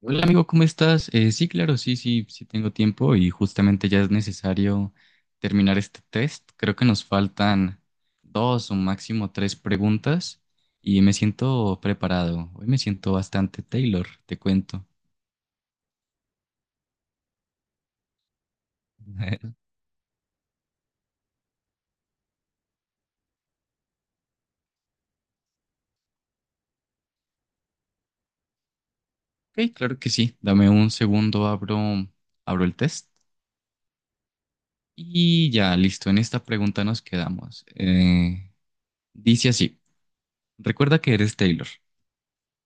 Hola amigo, ¿cómo estás? Sí, claro, sí tengo tiempo y justamente ya es necesario terminar este test. Creo que nos faltan dos o máximo tres preguntas y me siento preparado. Hoy me siento bastante Taylor, te cuento. Ok, claro que sí. Dame un segundo, abro el test y ya, listo. En esta pregunta nos quedamos. Dice así, recuerda que eres Taylor.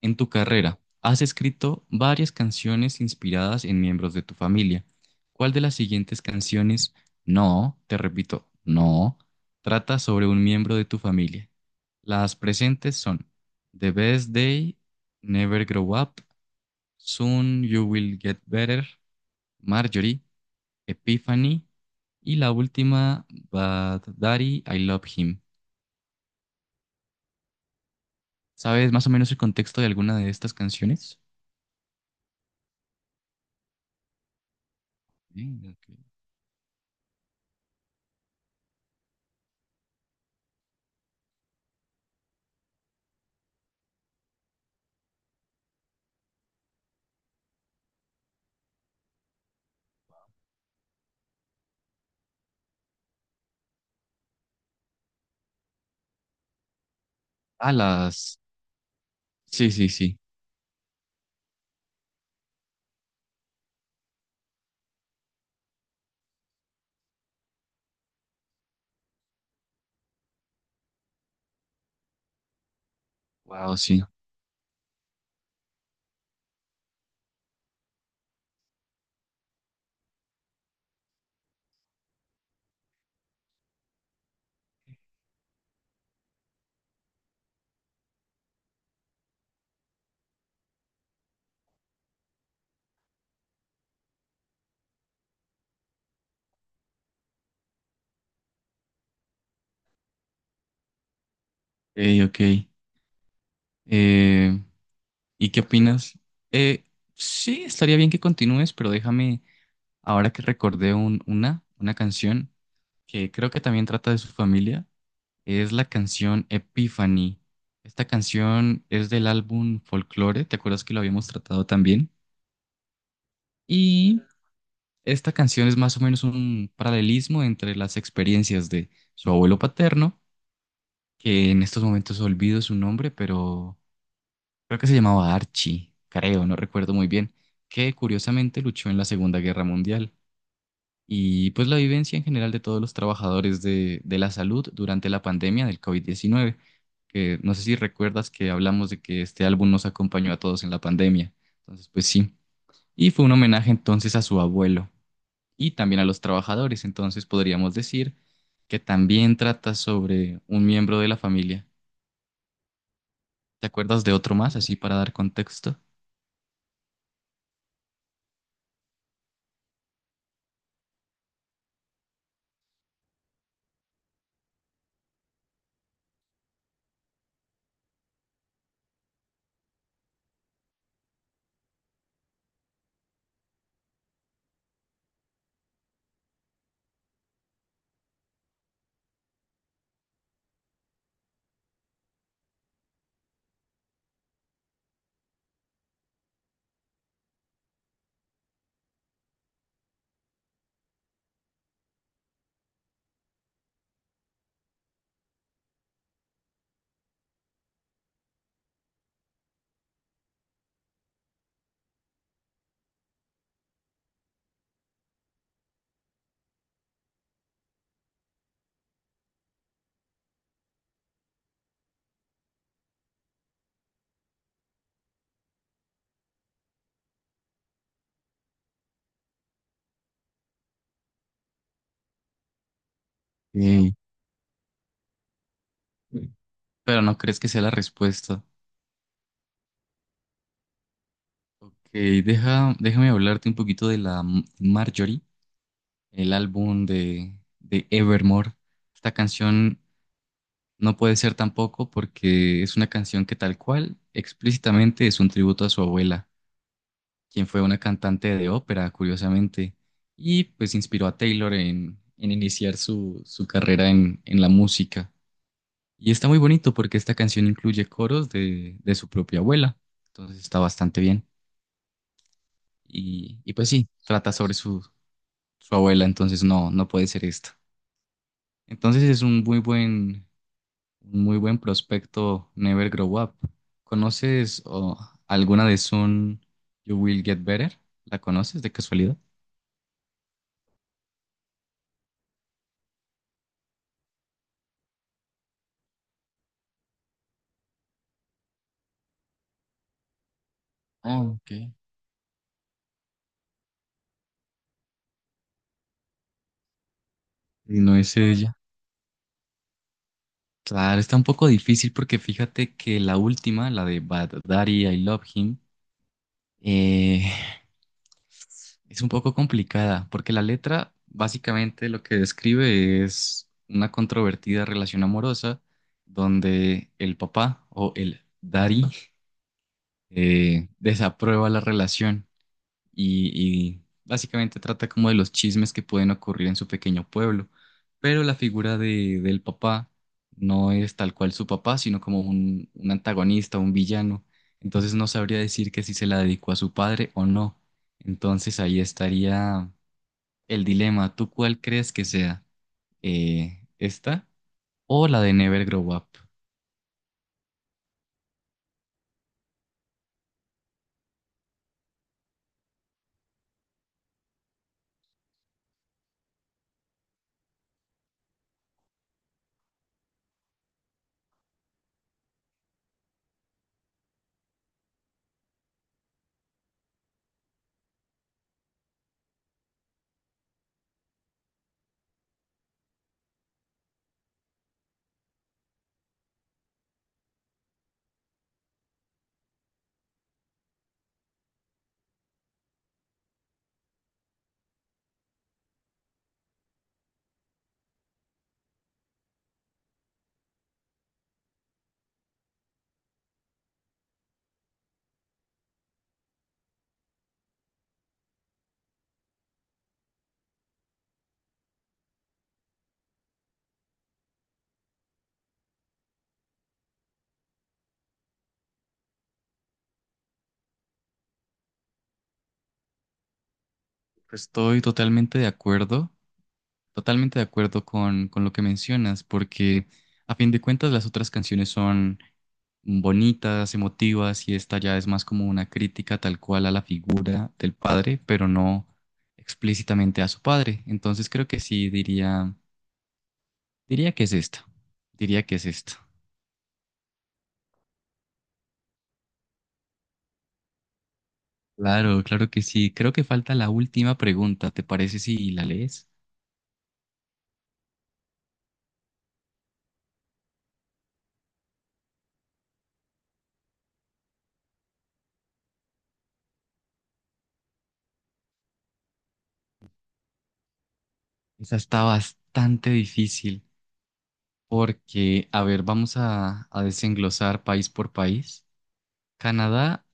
En tu carrera, has escrito varias canciones inspiradas en miembros de tu familia. ¿Cuál de las siguientes canciones, no, te repito, no, trata sobre un miembro de tu familia? Las presentes son The Best Day, Never Grow Up, Soon You Will Get Better, Marjorie, Epiphany y la última, Bad Daddy, I Love Him. ¿Sabes más o menos el contexto de alguna de estas canciones? Sí, ok. Ah, las. Sí, sí, sí. Wow, sí. Ok, ok. Eh, ¿Y qué opinas? Eh, sí, estaría bien que continúes, pero déjame, ahora que recordé una canción que creo que también trata de su familia, es la canción Epiphany. Esta canción es del álbum Folklore, ¿te acuerdas que lo habíamos tratado también? Y esta canción es más o menos un paralelismo entre las experiencias de su abuelo paterno, que en estos momentos olvido su nombre, pero creo que se llamaba Archie, creo, no recuerdo muy bien, que curiosamente luchó en la Segunda Guerra Mundial. Y pues la vivencia en general de todos los trabajadores de la salud durante la pandemia del COVID-19, que no sé si recuerdas que hablamos de que este álbum nos acompañó a todos en la pandemia. Entonces, pues sí. Y fue un homenaje entonces a su abuelo y también a los trabajadores. Entonces podríamos decir que también trata sobre un miembro de la familia. ¿Te acuerdas de otro más, así para dar contexto? Sí, pero no crees que sea la respuesta. Ok, déjame hablarte un poquito de la Marjorie, el álbum de Evermore. Esta canción no puede ser tampoco porque es una canción que tal cual explícitamente es un tributo a su abuela, quien fue una cantante de ópera, curiosamente, y pues inspiró a Taylor en iniciar su carrera en la música. Y está muy bonito porque esta canción incluye coros de su propia abuela, entonces está bastante bien. Y pues sí, trata sobre su abuela, entonces no, no puede ser esto. Entonces es un un muy buen prospecto Never Grow Up. ¿Conoces o, alguna de Soon You Will Get Better? ¿La conoces de casualidad? Ah, ok. Y no es ella. Claro, está un poco difícil porque fíjate que la última, la de Bad Daddy, I Love Him, eh, es un poco complicada, porque la letra básicamente lo que describe es una controvertida relación amorosa donde el papá o el daddy desaprueba la relación y básicamente trata como de los chismes que pueden ocurrir en su pequeño pueblo. Pero la figura de, del papá no es tal cual su papá, sino como un antagonista, un villano. Entonces no sabría decir que si se la dedicó a su padre o no. Entonces ahí estaría el dilema, ¿tú cuál crees que sea? ¿Esta o la de Never Grow Up? Estoy totalmente de acuerdo con lo que mencionas, porque a fin de cuentas las otras canciones son bonitas, emotivas, y esta ya es más como una crítica tal cual a la figura del padre, pero no explícitamente a su padre. Entonces creo que sí, diría que es esta, diría que es esta. Claro, claro que sí. Creo que falta la última pregunta. ¿Te parece si la lees? Esa está bastante difícil porque, a ver, vamos a desenglosar país por país. Canadá,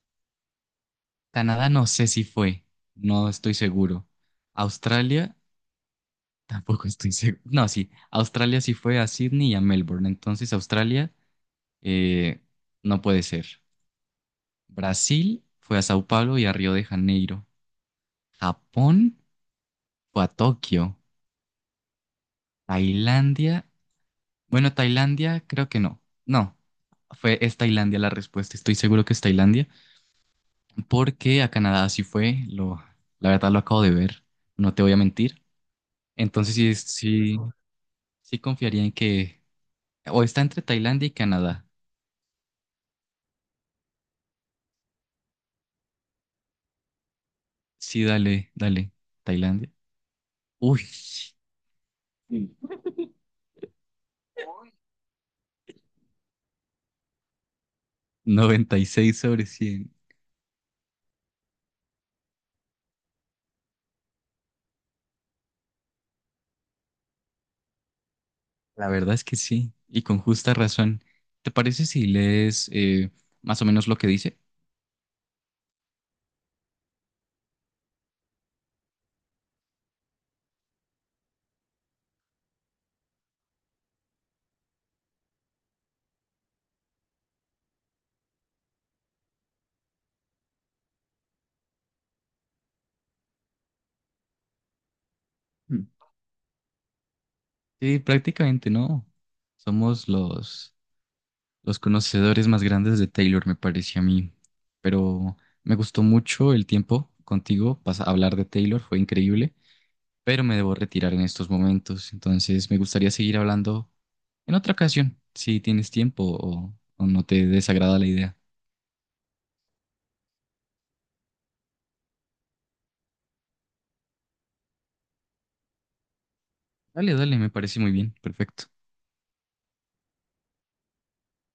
Canadá no sé si fue, no estoy seguro. Australia, tampoco estoy seguro. No, sí, Australia sí fue a Sydney y a Melbourne, entonces Australia eh, no puede ser. Brasil fue a Sao Paulo y a Río de Janeiro. Japón fue a Tokio. Tailandia. Bueno, Tailandia, creo que no. No, fue, es Tailandia la respuesta. Estoy seguro que es Tailandia, porque a Canadá sí fue. Lo, la verdad lo acabo de ver. No te voy a mentir. Entonces sí, sí confiaría en que o está entre Tailandia y Canadá. Sí, dale, Tailandia. Uy, 96 sobre 100. La verdad es que sí, y con justa razón. ¿Te parece si lees más o menos lo que dice? Mm. Sí, prácticamente no. Somos los conocedores más grandes de Taylor, me pareció a mí. Pero me gustó mucho el tiempo contigo, hablar de Taylor, fue increíble, pero me debo retirar en estos momentos, entonces me gustaría seguir hablando en otra ocasión, si tienes tiempo o no te desagrada la idea. Dale, dale, me parece muy bien, perfecto.